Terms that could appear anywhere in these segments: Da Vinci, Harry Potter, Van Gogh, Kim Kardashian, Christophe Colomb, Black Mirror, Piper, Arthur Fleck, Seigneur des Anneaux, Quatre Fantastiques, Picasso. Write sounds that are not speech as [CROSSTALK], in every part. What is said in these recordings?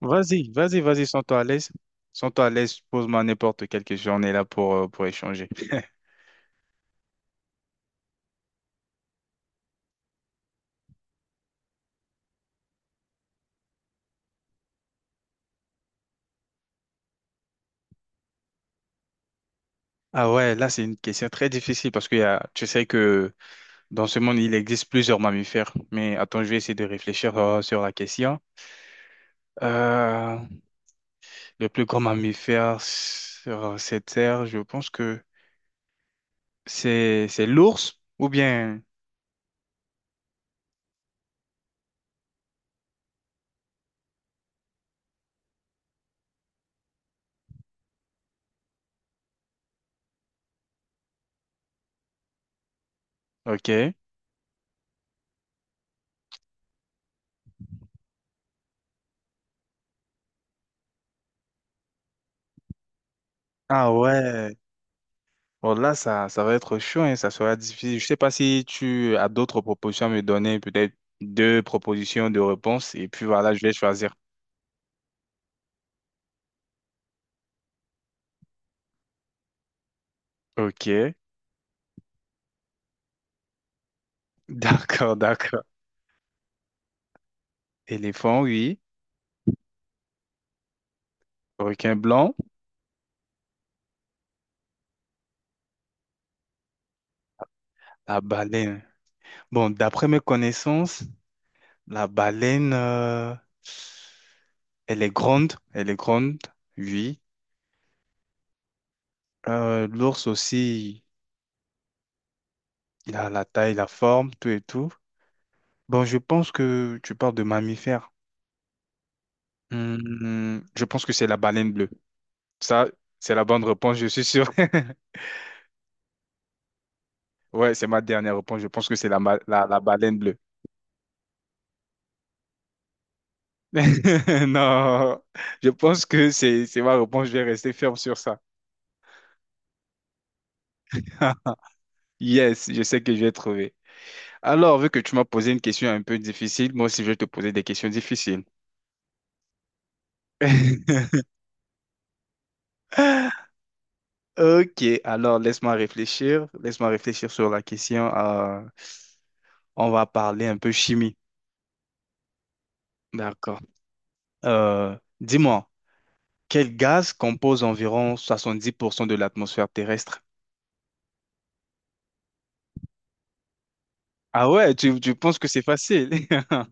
Vas-y, vas-y, vas-y, sens-toi à l'aise. Sens-toi à l'aise, pose-moi n'importe quelle question, on est là pour échanger. Ah ouais, là, c'est une question très difficile parce que y a, tu sais que dans ce monde, il existe plusieurs mammifères. Mais attends, je vais essayer de réfléchir sur la question. Euh, le plus grand mammifère sur cette terre, je pense que c'est l'ours ou bien... Ok. Ah ouais. Bon, là, ça va être chaud et ça sera difficile. Je sais pas si tu as d'autres propositions à me donner, peut-être deux propositions de réponse, et puis voilà, je vais choisir. Ok, [LAUGHS] d'accord, d'accord. Éléphant, oui. Requin blanc, la baleine. Bon, d'après mes connaissances, la baleine, elle est grande, oui. L'ours aussi, il a la taille, la forme, tout et tout. Bon, je pense que tu parles de mammifères. Hmm, je pense que c'est la baleine bleue. Ça, c'est la bonne réponse, je suis sûr. [LAUGHS] Ouais, c'est ma dernière réponse. Je pense que c'est la, la baleine bleue. [LAUGHS] Non, je pense que c'est ma réponse. Je vais rester ferme sur ça. [LAUGHS] Yes, je sais que je vais trouver. Alors, vu que tu m'as posé une question un peu difficile, moi aussi je vais te poser des questions difficiles. [LAUGHS] Ok, alors laisse-moi réfléchir. Laisse-moi réfléchir sur la question. On va parler un peu chimie. D'accord. Dis-moi. Quel gaz compose environ 70% de l'atmosphère terrestre? Ah ouais, tu penses que c'est facile? [LAUGHS]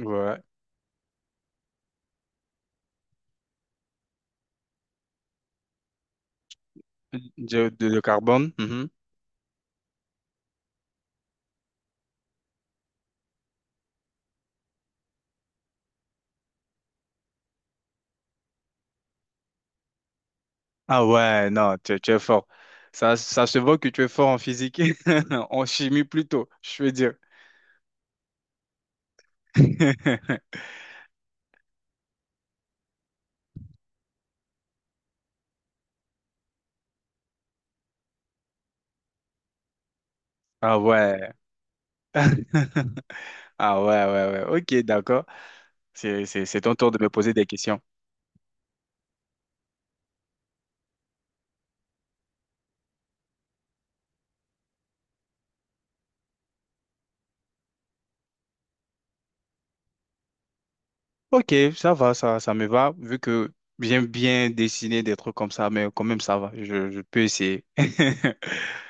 Ouais. Diode de carbone. Mhm. Ah ouais, non, tu es fort. Ça se voit que tu es fort en physique, [LAUGHS] en chimie plutôt, je veux dire. [LAUGHS] Ah ouais. [LAUGHS] Ah ouais, ouais, ouais. Ok, d'accord. C'est ton tour de me poser des questions. Ok, ça va, ça me va, vu que j'aime bien dessiner des trucs comme ça, mais quand même, ça va, je peux essayer. [LAUGHS]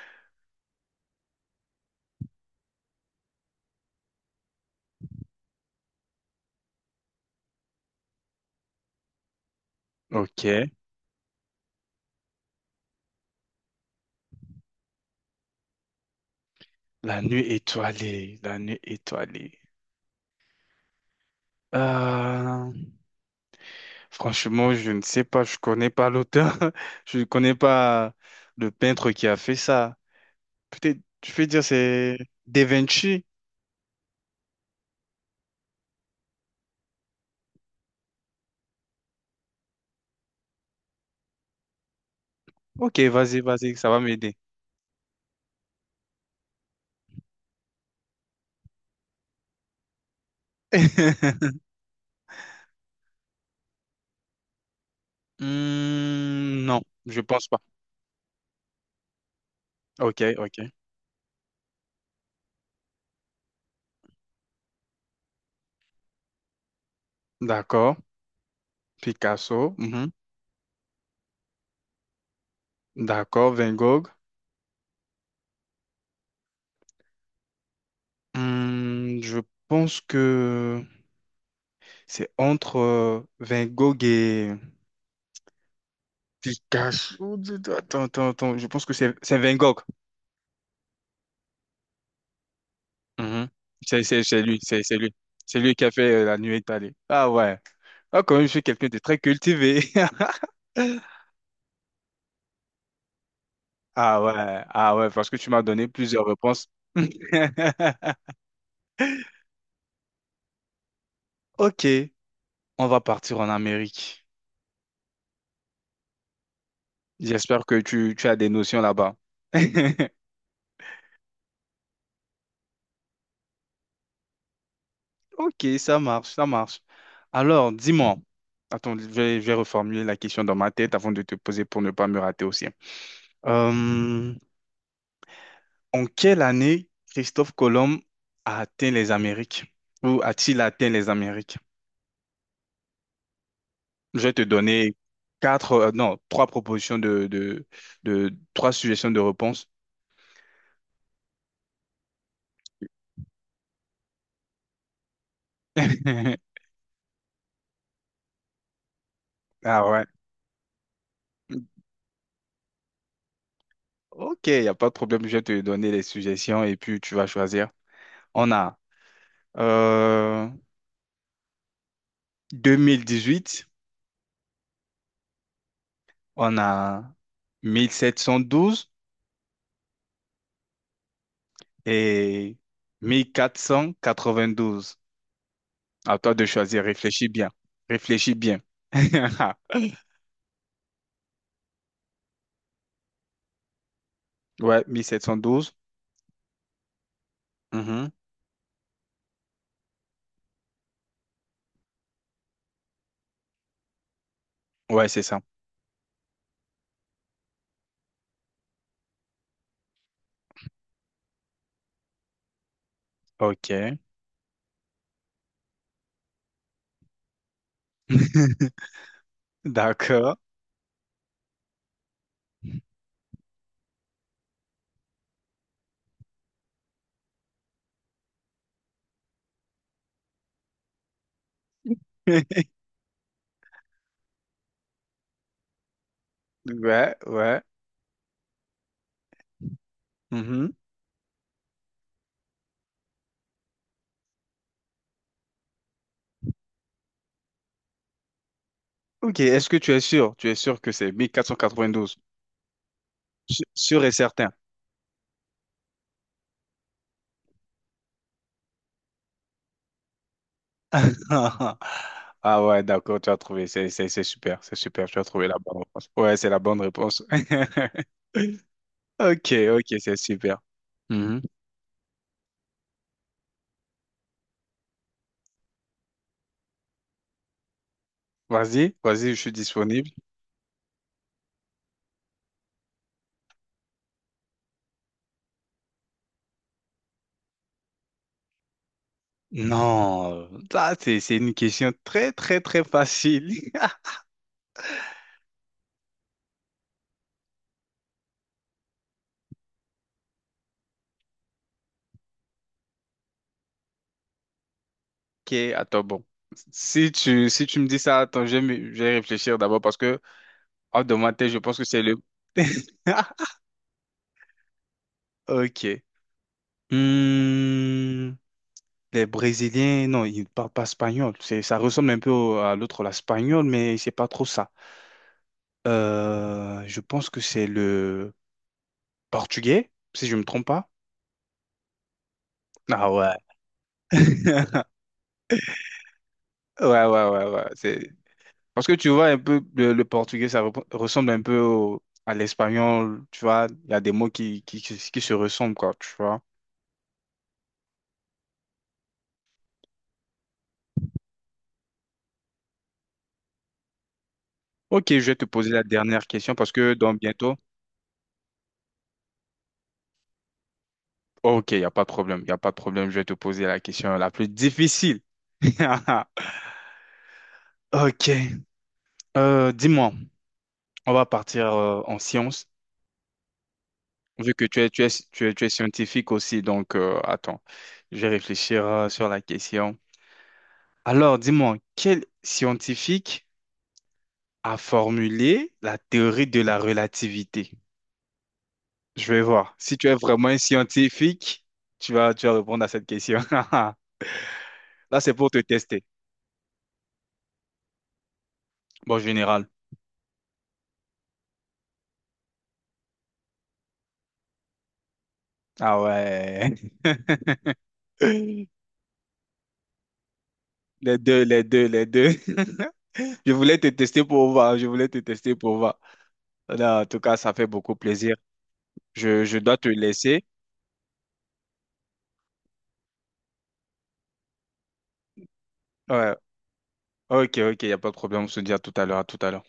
Ok, la nuit étoilée, la nuit étoilée. Euh, Franchement, je ne sais pas, je connais pas l'auteur, [LAUGHS] je ne connais pas le peintre qui a fait ça. Peut-être, je peux dire c'est Da Vinci. Ok, vas-y, vas-y, ça va m'aider. [LAUGHS] Hmm, non, je pense pas. Ok, ok. D'accord. Picasso. Mhm. D'accord. Van Gogh. Hmm, je pense que c'est entre Van Gogh et Picasso. Attends, attends, attends. Je pense que c'est Van Gogh. Mhm. C'est lui, c'est lui. C'est lui qui a fait la nuit étalée. Ah ouais. Ah, quand même, je suis quelqu'un de très cultivé. [LAUGHS] Ah ouais, ah ouais, parce que tu m'as donné plusieurs réponses. [LAUGHS] Ok, on va partir en Amérique. J'espère que tu as des notions là-bas. [LAUGHS] Ok, ça marche, ça marche. Alors, dis-moi, attends, je vais reformuler la question dans ma tête avant de te poser pour ne pas me rater aussi. Euh, En quelle année Christophe Colomb a atteint les Amériques? Ou a-t-il atteint les Amériques? Je vais te donner quatre, non, trois propositions de trois suggestions de réponse. [LAUGHS] Ah ouais. Ok, il n'y a pas de problème. Je vais te donner les suggestions et puis tu vas choisir. On a euh, 2018, on a 1712 et 1492. À toi de choisir. Réfléchis bien. Réfléchis bien. [LAUGHS] Ouais, 1712. Mhm. Ouais, c'est ça. Ok. [LAUGHS] D'accord. [LAUGHS] Ouais, ouais. Mhm. Ok, est-ce que tu es sûr? Tu es sûr que c'est 1492? Su- Sûr et certain. [LAUGHS] Ah ouais, d'accord, tu as trouvé. C'est super, c'est super. Tu as trouvé la bonne réponse. Ouais, c'est la bonne réponse. [LAUGHS] Ok, ok, c'est super. Mhm. Vas-y, vas-y, je suis disponible. Non, ça c'est une question très très très facile. [LAUGHS] Ok, attends, bon. Si si tu me dis ça, attends, je vais réfléchir d'abord parce que hors de ma tête, je pense que c'est le... [LAUGHS] Ok. Hmm, les Brésiliens, non, ils ne parlent pas espagnol. C'est, ça ressemble un peu à l'autre, l'espagnol, mais c'est pas trop ça. Je pense que c'est le portugais, si je me trompe pas. Ah ouais. [LAUGHS] Ouais, ouais, ouais, ouais. Parce que tu vois un peu le portugais, ça ressemble un peu à l'espagnol, tu vois. Il y a des mots qui se ressemblent, quoi, tu vois. Ok, je vais te poser la dernière question parce que dans bientôt. Ok, il n'y a pas de problème, il n'y a pas de problème. Je vais te poser la question la plus difficile. [LAUGHS] Ok, euh, dis-moi, on va partir en sciences, vu que tu es scientifique aussi, donc attends, je vais réfléchir sur la question. Alors, dis-moi, quel scientifique à formuler la théorie de la relativité. Je vais voir. Si tu es vraiment un scientifique, tu vas répondre à cette question. [LAUGHS] Là, c'est pour te tester. Bon, général. Ah ouais. [LAUGHS] Les deux, les deux, les deux. [LAUGHS] Je voulais te tester pour voir. Je voulais te tester pour voir. Là, en tout cas, ça fait beaucoup plaisir. Je dois te laisser. Ouais. Ok, ok, il n'y a pas de problème. On se dit à tout à l'heure, à tout à l'heure.